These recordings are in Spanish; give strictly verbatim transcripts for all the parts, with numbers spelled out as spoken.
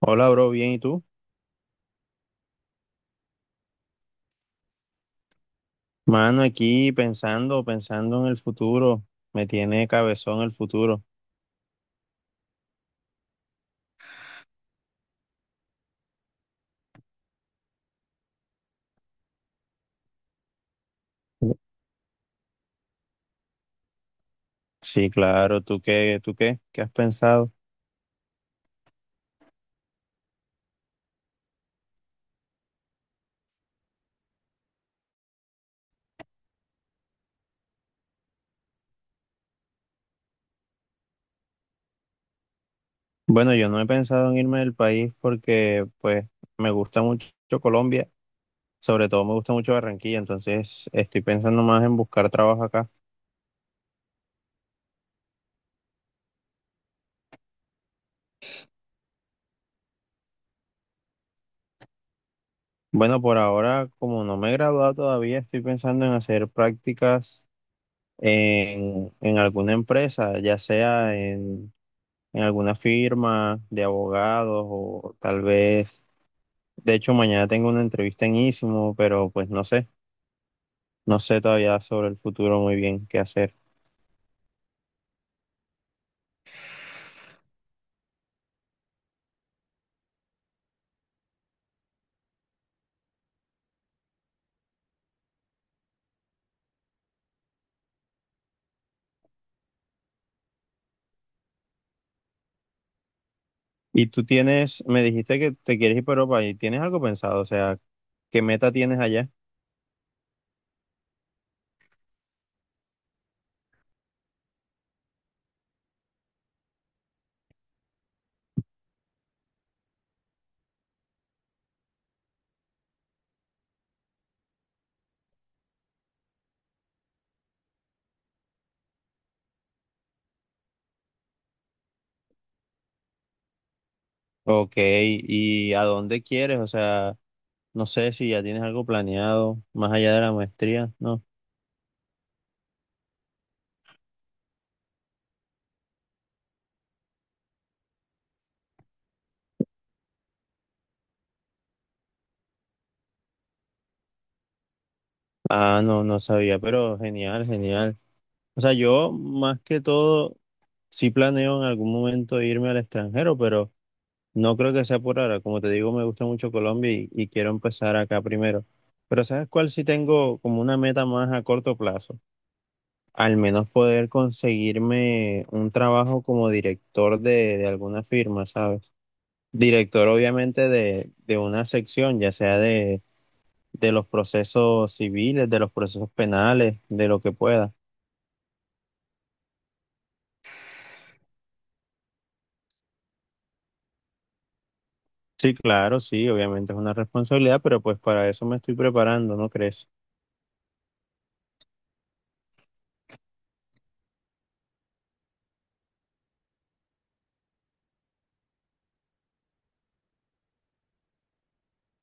Hola, bro, bien, ¿y tú? Mano, aquí pensando, pensando en el futuro. Me tiene cabezón el futuro. Sí, claro, ¿tú qué, tú qué? ¿Qué has pensado? Bueno, yo no he pensado en irme del país porque, pues, me gusta mucho Colombia, sobre todo me gusta mucho Barranquilla, entonces estoy pensando más en buscar trabajo acá. Bueno, por ahora, como no me he graduado todavía, estoy pensando en hacer prácticas en, en alguna empresa, ya sea en en alguna firma de abogados o tal vez, de hecho mañana tengo una entrevista en Ísimo, pero pues no sé, no sé todavía sobre el futuro muy bien qué hacer. Y tú tienes, me dijiste que te quieres ir para Europa y tienes algo pensado, o sea, ¿qué meta tienes allá? Ok, ¿y a dónde quieres? O sea, no sé si ya tienes algo planeado más allá de la maestría, ¿no? Ah, no, no sabía, pero genial, genial. O sea, yo más que todo sí planeo en algún momento irme al extranjero, pero no creo que sea por ahora. Como te digo, me gusta mucho Colombia y, y quiero empezar acá primero. Pero ¿sabes cuál? Si tengo como una meta más a corto plazo. Al menos poder conseguirme un trabajo como director de, de alguna firma, ¿sabes? Director obviamente de, de una sección, ya sea de, de los procesos civiles, de los procesos penales, de lo que pueda. Sí, claro, sí, obviamente es una responsabilidad, pero pues para eso me estoy preparando, ¿no crees?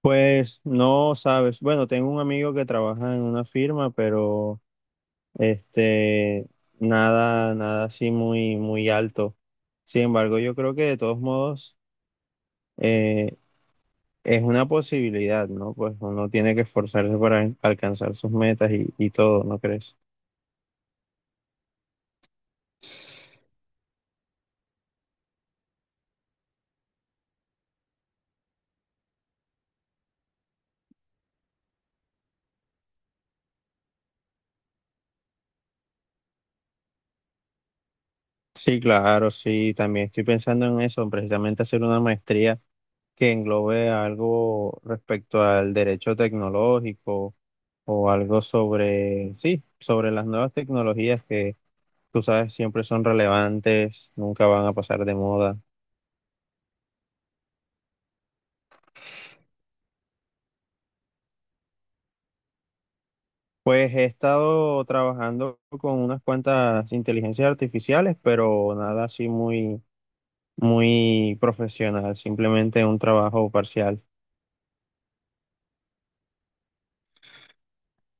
Pues no sabes. Bueno, tengo un amigo que trabaja en una firma, pero este nada, nada así muy, muy alto. Sin embargo, yo creo que de todos modos eh, es una posibilidad, ¿no? Pues uno tiene que esforzarse para en- alcanzar sus metas y, y todo, ¿no crees? Sí, claro, sí, también estoy pensando en eso, precisamente hacer una maestría que englobe algo respecto al derecho tecnológico o algo sobre, sí, sobre las nuevas tecnologías que tú sabes siempre son relevantes, nunca van a pasar de moda. Pues he estado trabajando con unas cuantas inteligencias artificiales, pero nada así muy, muy profesional, simplemente un trabajo parcial.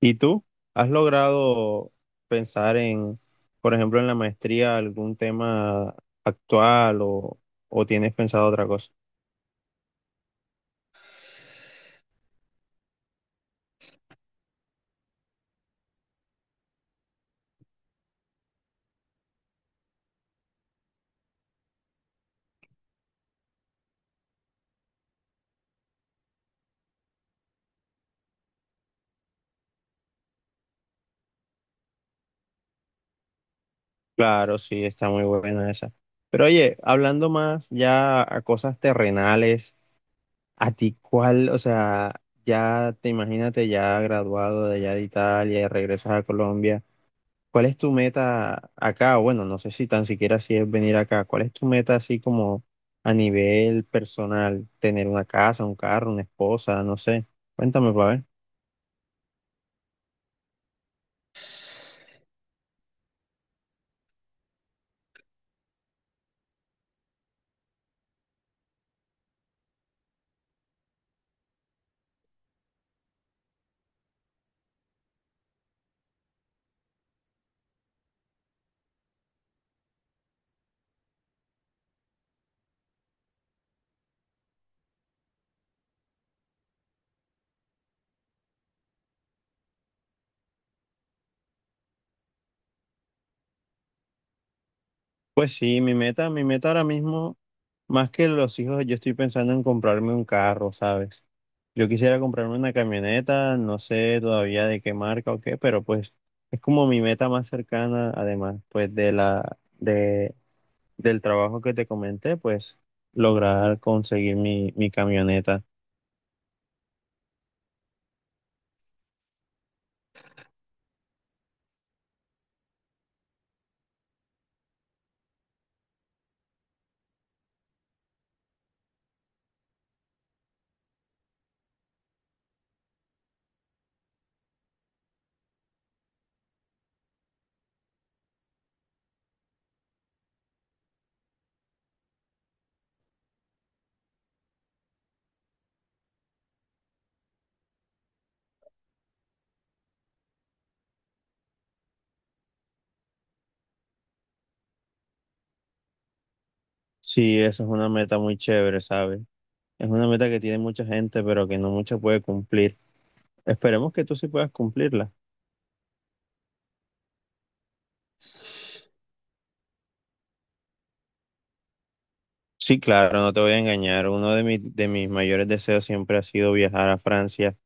¿Y tú has logrado pensar en, por ejemplo, en la maestría algún tema actual o, o tienes pensado otra cosa? Claro, sí, está muy buena esa. Pero oye, hablando más ya a cosas terrenales, ¿a ti cuál, o sea, ya te imagínate ya graduado de allá de Italia y regresas a Colombia, ¿cuál es tu meta acá? O bueno, no sé si tan siquiera si es venir acá, ¿cuál es tu meta así como a nivel personal? ¿Tener una casa, un carro, una esposa? No sé. Cuéntame, para ver. Pues sí, mi meta, mi meta ahora mismo, más que los hijos, yo estoy pensando en comprarme un carro, ¿sabes? Yo quisiera comprarme una camioneta, no sé todavía de qué marca o qué, pero pues es como mi meta más cercana, además, pues de la, de, del trabajo que te comenté, pues lograr conseguir mi, mi camioneta. Sí, eso es una meta muy chévere, ¿sabes? Es una meta que tiene mucha gente, pero que no mucha puede cumplir. Esperemos que tú sí puedas cumplirla. Sí, claro, no te voy a engañar. Uno de mis, de mis mayores deseos siempre ha sido viajar a Francia.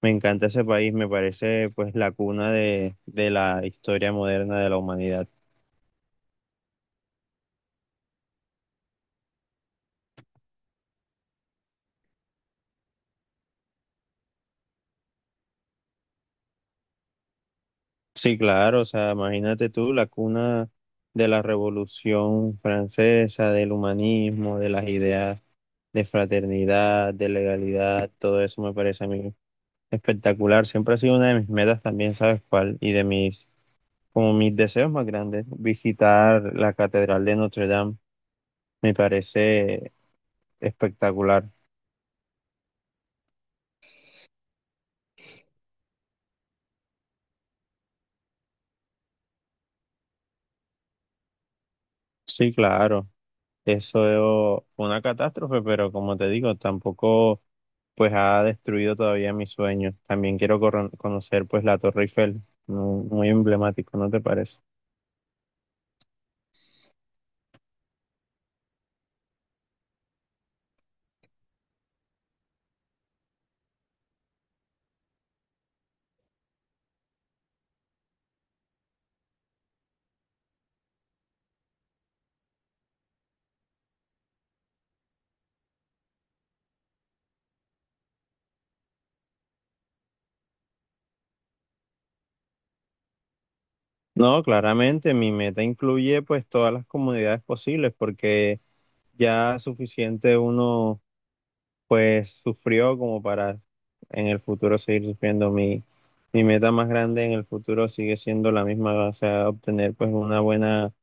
Me encanta ese país, me parece pues la cuna de, de la historia moderna de la humanidad. Sí, claro, o sea, imagínate tú, la cuna de la Revolución Francesa, del humanismo, de las ideas de fraternidad, de legalidad, todo eso me parece a mí espectacular. Siempre ha sido una de mis metas también, ¿sabes cuál? Y de mis, como mis deseos más grandes, visitar la Catedral de Notre Dame. Me parece espectacular. Sí, claro. Eso fue una catástrofe, pero como te digo, tampoco pues ha destruido todavía mis sueños. También quiero corro- conocer pues la Torre Eiffel, mu- muy emblemático, ¿no te parece? No, claramente mi meta incluye pues todas las comodidades posibles porque ya es suficiente uno pues sufrió como para en el futuro seguir sufriendo. Mi, mi meta más grande en el futuro sigue siendo la misma, o sea, obtener pues una buena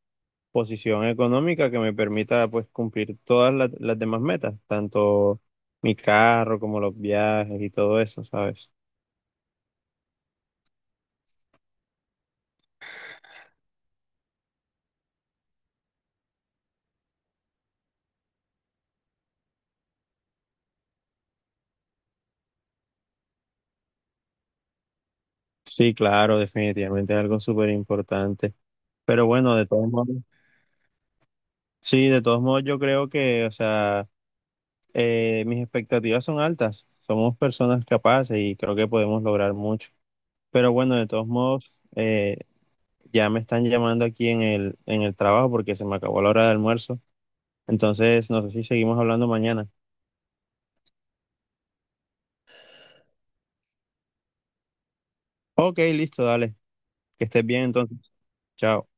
posición económica que me permita pues cumplir todas las, las demás metas, tanto mi carro como los viajes y todo eso, ¿sabes? Sí, claro, definitivamente es algo súper importante. Pero bueno, de todos modos. Sí, de todos modos yo creo que, o sea, eh, mis expectativas son altas. Somos personas capaces y creo que podemos lograr mucho. Pero bueno, de todos modos, eh, ya me están llamando aquí en el, en el trabajo porque se me acabó la hora de almuerzo. Entonces, no sé si seguimos hablando mañana. Ok, listo, dale. Que estés bien entonces. Chao.